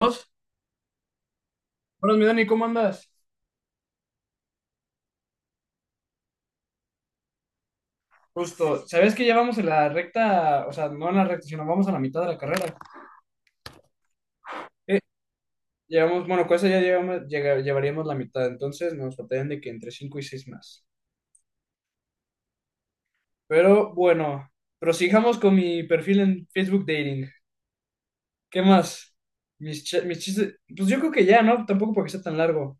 Buenos mi Dani, ¿cómo andas? Justo, ¿sabes que ya vamos en la recta, o sea, no en la recta, sino vamos a la mitad de la carrera? Eh, Llevamos, bueno, con eso ya llevamos, llevaríamos la mitad, entonces nos faltarían de que entre 5 y 6 más. Pero bueno, prosigamos con mi perfil en Facebook Dating. ¿Qué más? Mis chistes, pues yo creo que ya, ¿no? Tampoco porque sea tan largo.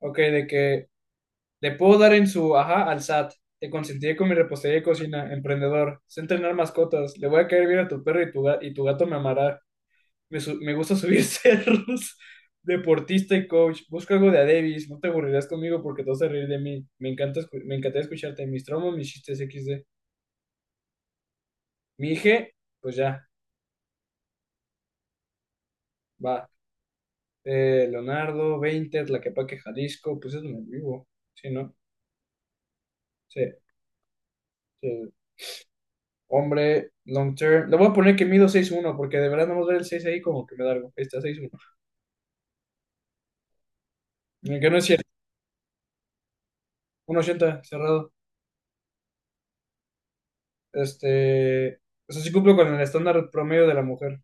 Ok, de que le puedo dar en su ajá al SAT. Te consentiré con mi repostería de cocina, emprendedor. Sé entrenar mascotas. Le voy a caer bien a tu perro y tu gato me amará. Me gusta subir cerros. Deportista y coach. Busca algo de a Davis. No te aburrirás conmigo porque te vas a reír de mí. Me encantaría escucharte. Mis traumas, mis chistes XD. Mi hija, pues ya, va. Leonardo, 20, Tlaquepaque, Jalisco. Pues es donde vivo. Sí, ¿no? Sí. Sí. Hombre, long term. Le voy a poner que mido seis uno porque de verdad no ver el 6 ahí como que me da algo. Ahí está, 6'1. Que no es cierto. Uno ochenta cerrado. Este. O sea, sí cumplo con el estándar promedio de la mujer.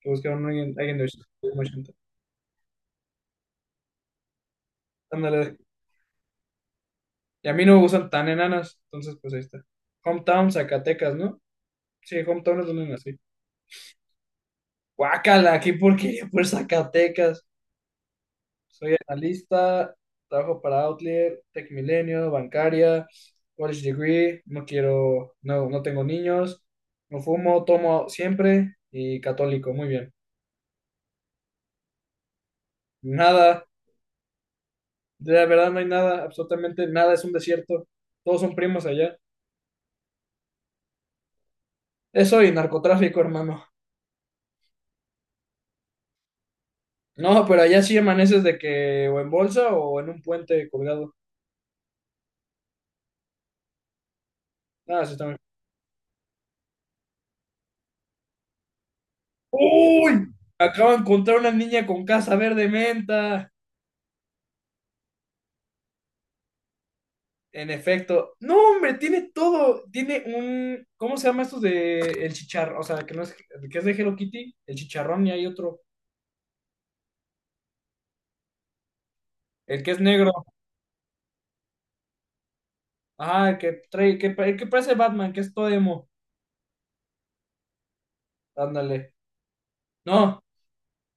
Que buscaron alguien de uno ochenta. Ándale. Y a mí no me gustan tan enanas. Entonces, pues ahí está. Hometown, Zacatecas, ¿no? Sí, hometown es donde nací. Guácala, qué porquería por Zacatecas. Soy analista, trabajo para Outlier, Tech Milenio, bancaria, college degree, no quiero, no, no tengo niños, no fumo, tomo siempre y católico, muy bien. Nada, de la verdad no hay nada, absolutamente nada, es un desierto, todos son primos allá. Eso y narcotráfico, hermano. No, pero allá sí amaneces de que o en bolsa o en un puente colgado. Ah, sí, también. ¡Uy! Acabo de encontrar una niña con casa verde menta. En efecto. No, hombre, tiene todo. Tiene un. ¿Cómo se llama estos de el chicharrón? O sea, que no es, el que es de Hello Kitty, el chicharrón y hay otro. El que es negro. El que trae, el que parece Batman, que es todo emo. Ándale. No,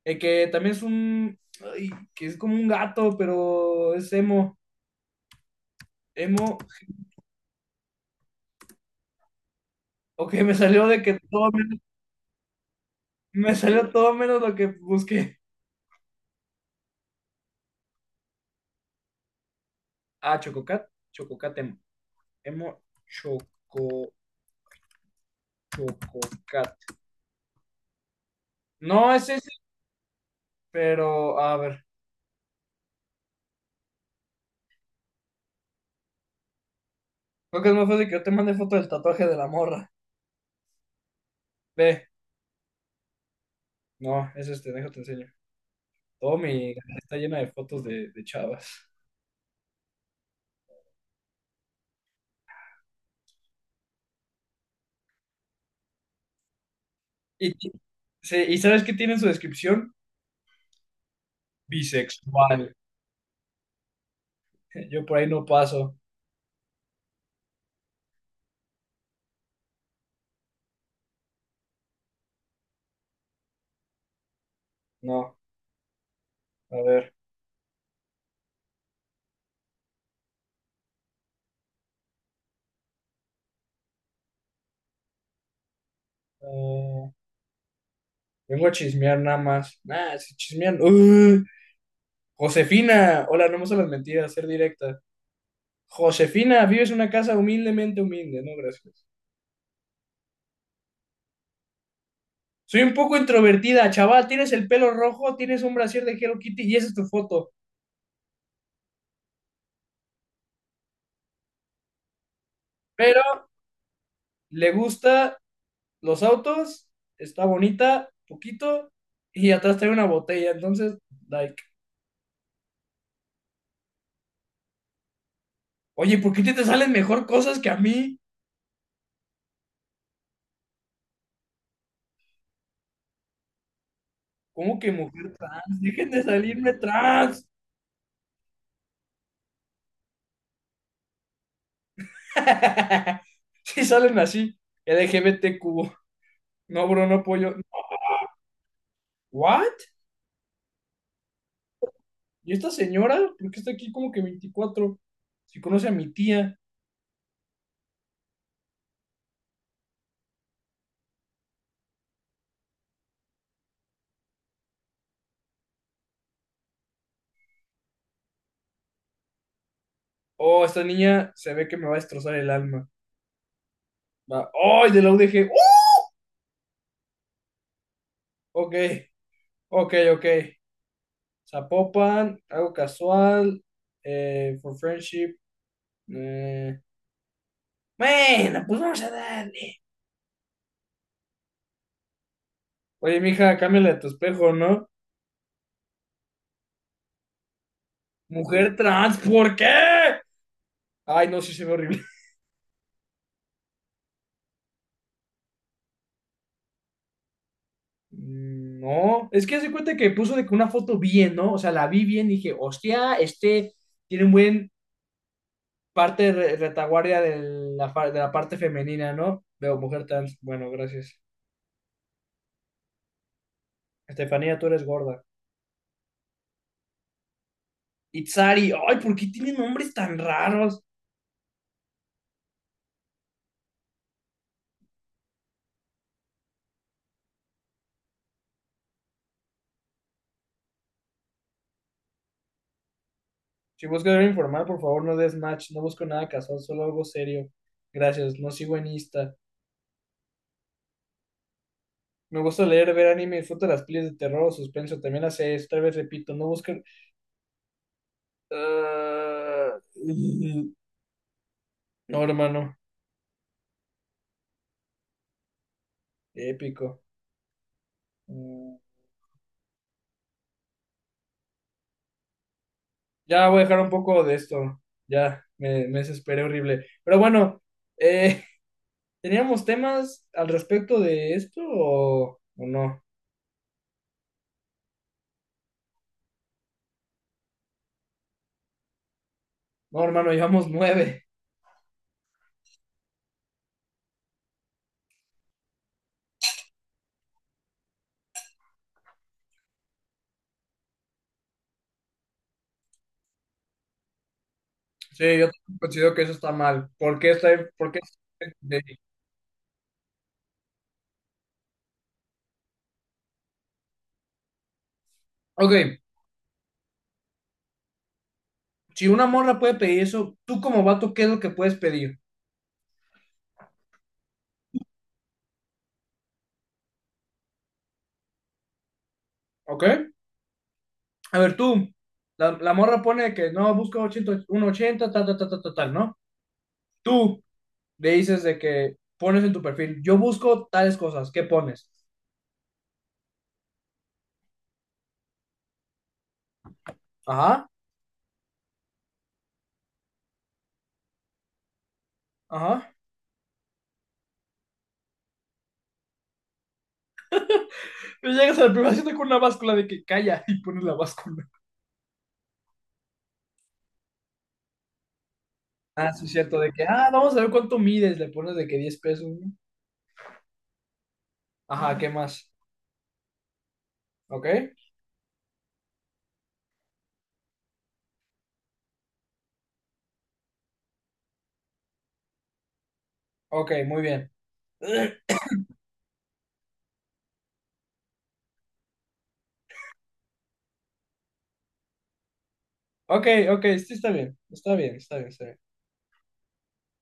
el que también es un. Ay, que es como un gato, pero es emo. Emo. Ok, me salió todo menos lo que busqué. Ah, Chococat. Chococat emo. Emo Choco. Chococat. No, ese. Pero, a ver, creo que es más fácil que yo te mande foto del tatuaje de la morra. Ve, no, es este, déjate enseño. Todo mi galería está llena de fotos de chavas. Y, ti- sí, ¿y sabes qué tiene en su descripción? Bisexual. Yo por ahí no paso. No, a ver. eh, Vengo a chismear nada más. Nah, si chismean. ¡Uh! Josefina, hola, no me gustan las mentiras, ser directa. Josefina, vives en una casa humildemente humilde, no, gracias. Soy un poco introvertida, chaval. Tienes el pelo rojo, tienes un brasier de Hello Kitty y esa es tu foto. Pero le gusta los autos, está bonita, poquito, y atrás trae una botella. Entonces, like, oye, ¿por qué a ti te salen mejor cosas que a mí? ¿Cómo que mujer trans? Dejen de salirme trans. Sí salen así. LGBTQ. No, bro, no apoyo. ¿What? ¿Y esta señora? ¿Por qué está aquí como que 24? Si conoce a mi tía. Oh, esta niña se ve que me va a destrozar el alma. Va. Oh, de la UDG. ¡Uh! Ok, ok, ok. Zapopan, algo casual. For friendship. eh, Bueno, pues vamos a darle. Oye, mija, cámbiale de tu espejo, ¿no? Mujer trans, ¿por qué? Ay, no, sí se ve horrible. Mm. No, es que hace cuenta que puso de que una foto bien, ¿no? O sea, la vi bien y dije, hostia, este tiene un buen parte retaguardia de la parte femenina, ¿no? Veo mujer trans. Bueno, gracias. Estefanía, tú eres gorda. Itzari, ay, ¿por qué tienen nombres tan raros? Si buscas algo informal, por favor, no des match. No busco nada casual, solo algo serio. Gracias, no sigo en Insta. Me gusta leer, ver anime, disfruto las pelis de terror o suspenso. También las series, otra vez repito, no busquen. Ah, no, hermano, épico. Mm. Ya voy a dejar un poco de esto. Ya, me desesperé horrible. Pero bueno, eh, ¿teníamos temas al respecto de esto o no? No, hermano, llevamos nueve. Sí, yo considero que eso está mal. Por qué está- de-? Ok, si una morra puede pedir eso, tú como vato, ¿qué es lo que puedes pedir? ¿Ok? A ver, tú, la morra pone que no, busca 80, 180, tal, tal, tal, tal, tal, tal, ¿no? Tú le dices de que pones en tu perfil, yo busco tales cosas, ¿qué pones? Ajá, ajá. Pero llegas a la primera cita con una báscula de que calla y pones la báscula. Ah, sí, es cierto, de que, vamos a ver cuánto mides, le pones de que 10 pesos, ¿no? Ajá, ¿qué más? ¿Ok? Ok, muy bien. Ok, ok, sí, está bien, está bien, está bien, está bien.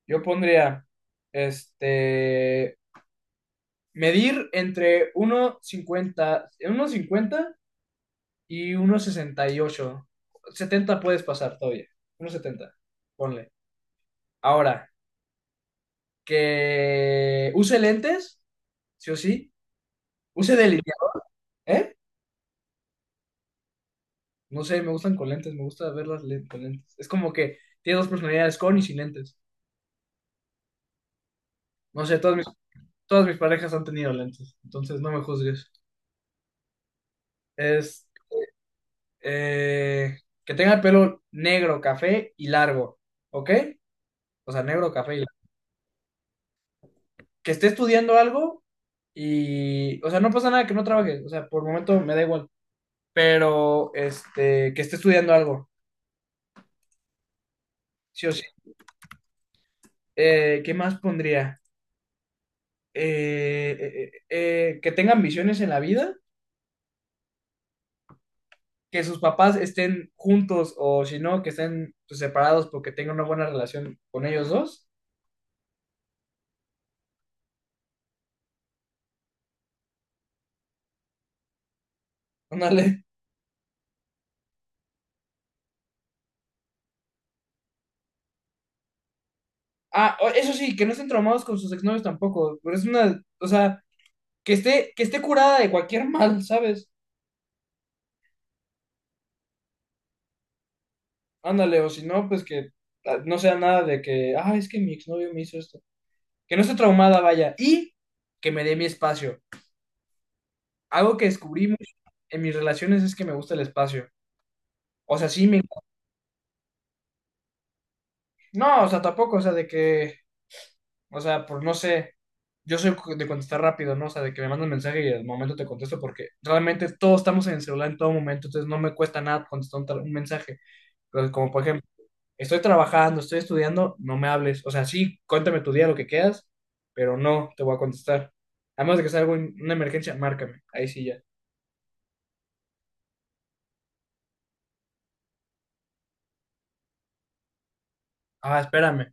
Yo pondría, este, medir entre uno cincuenta y uno sesenta y ocho setenta puedes pasar todavía, uno 70 ponle. Ahora, que use lentes sí o sí. Use delineador, ¿eh? No sé, me gustan con lentes, me gusta verlas con lentes. Es como que tiene dos personalidades, con y sin lentes. No sé, todas mis parejas han tenido lentes, entonces no me juzgues. Es eh, que tenga el pelo negro, café y largo, ¿ok? O sea, negro, café y largo. Que esté estudiando algo y, o sea, no pasa nada que no trabaje, o sea, por el momento me da igual, pero que esté estudiando algo, sí o sí. ¿Qué más pondría? Que tengan visiones en la vida, que sus papás estén juntos o si no, que estén pues, separados porque tengan una buena relación con ellos dos. Ándale. Eso sí, que no estén traumados con sus exnovios tampoco, pero es una, o sea, que esté curada de cualquier mal, ¿sabes? Ándale, o si no, pues que no sea nada de que, es que mi exnovio me hizo esto. Que no esté traumada, vaya, y que me dé mi espacio. Algo que descubrí mucho en mis relaciones es que me gusta el espacio. O sea, sí, me no, o sea, tampoco, o sea, de que, o sea, pues no sé, yo soy de contestar rápido, ¿no? O sea, de que me mandan mensaje y al momento te contesto porque realmente todos estamos en el celular en todo momento, entonces no me cuesta nada contestar un mensaje. Pero como por ejemplo, estoy trabajando, estoy estudiando, no me hables. O sea, sí, cuéntame tu día, lo que quieras, pero no te voy a contestar. A menos de que sea algo, una emergencia, márcame, ahí sí ya. Ah, espérame.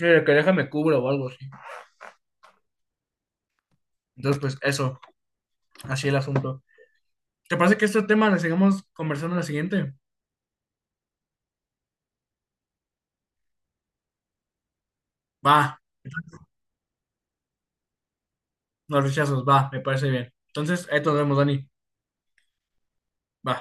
Mira, que déjame cubro o algo así. Entonces, pues eso, así el asunto. ¿Te parece que este tema le sigamos conversando en la siguiente? Va, los rechazos, va, me parece bien. Entonces, ahí nos vemos, Dani. Va.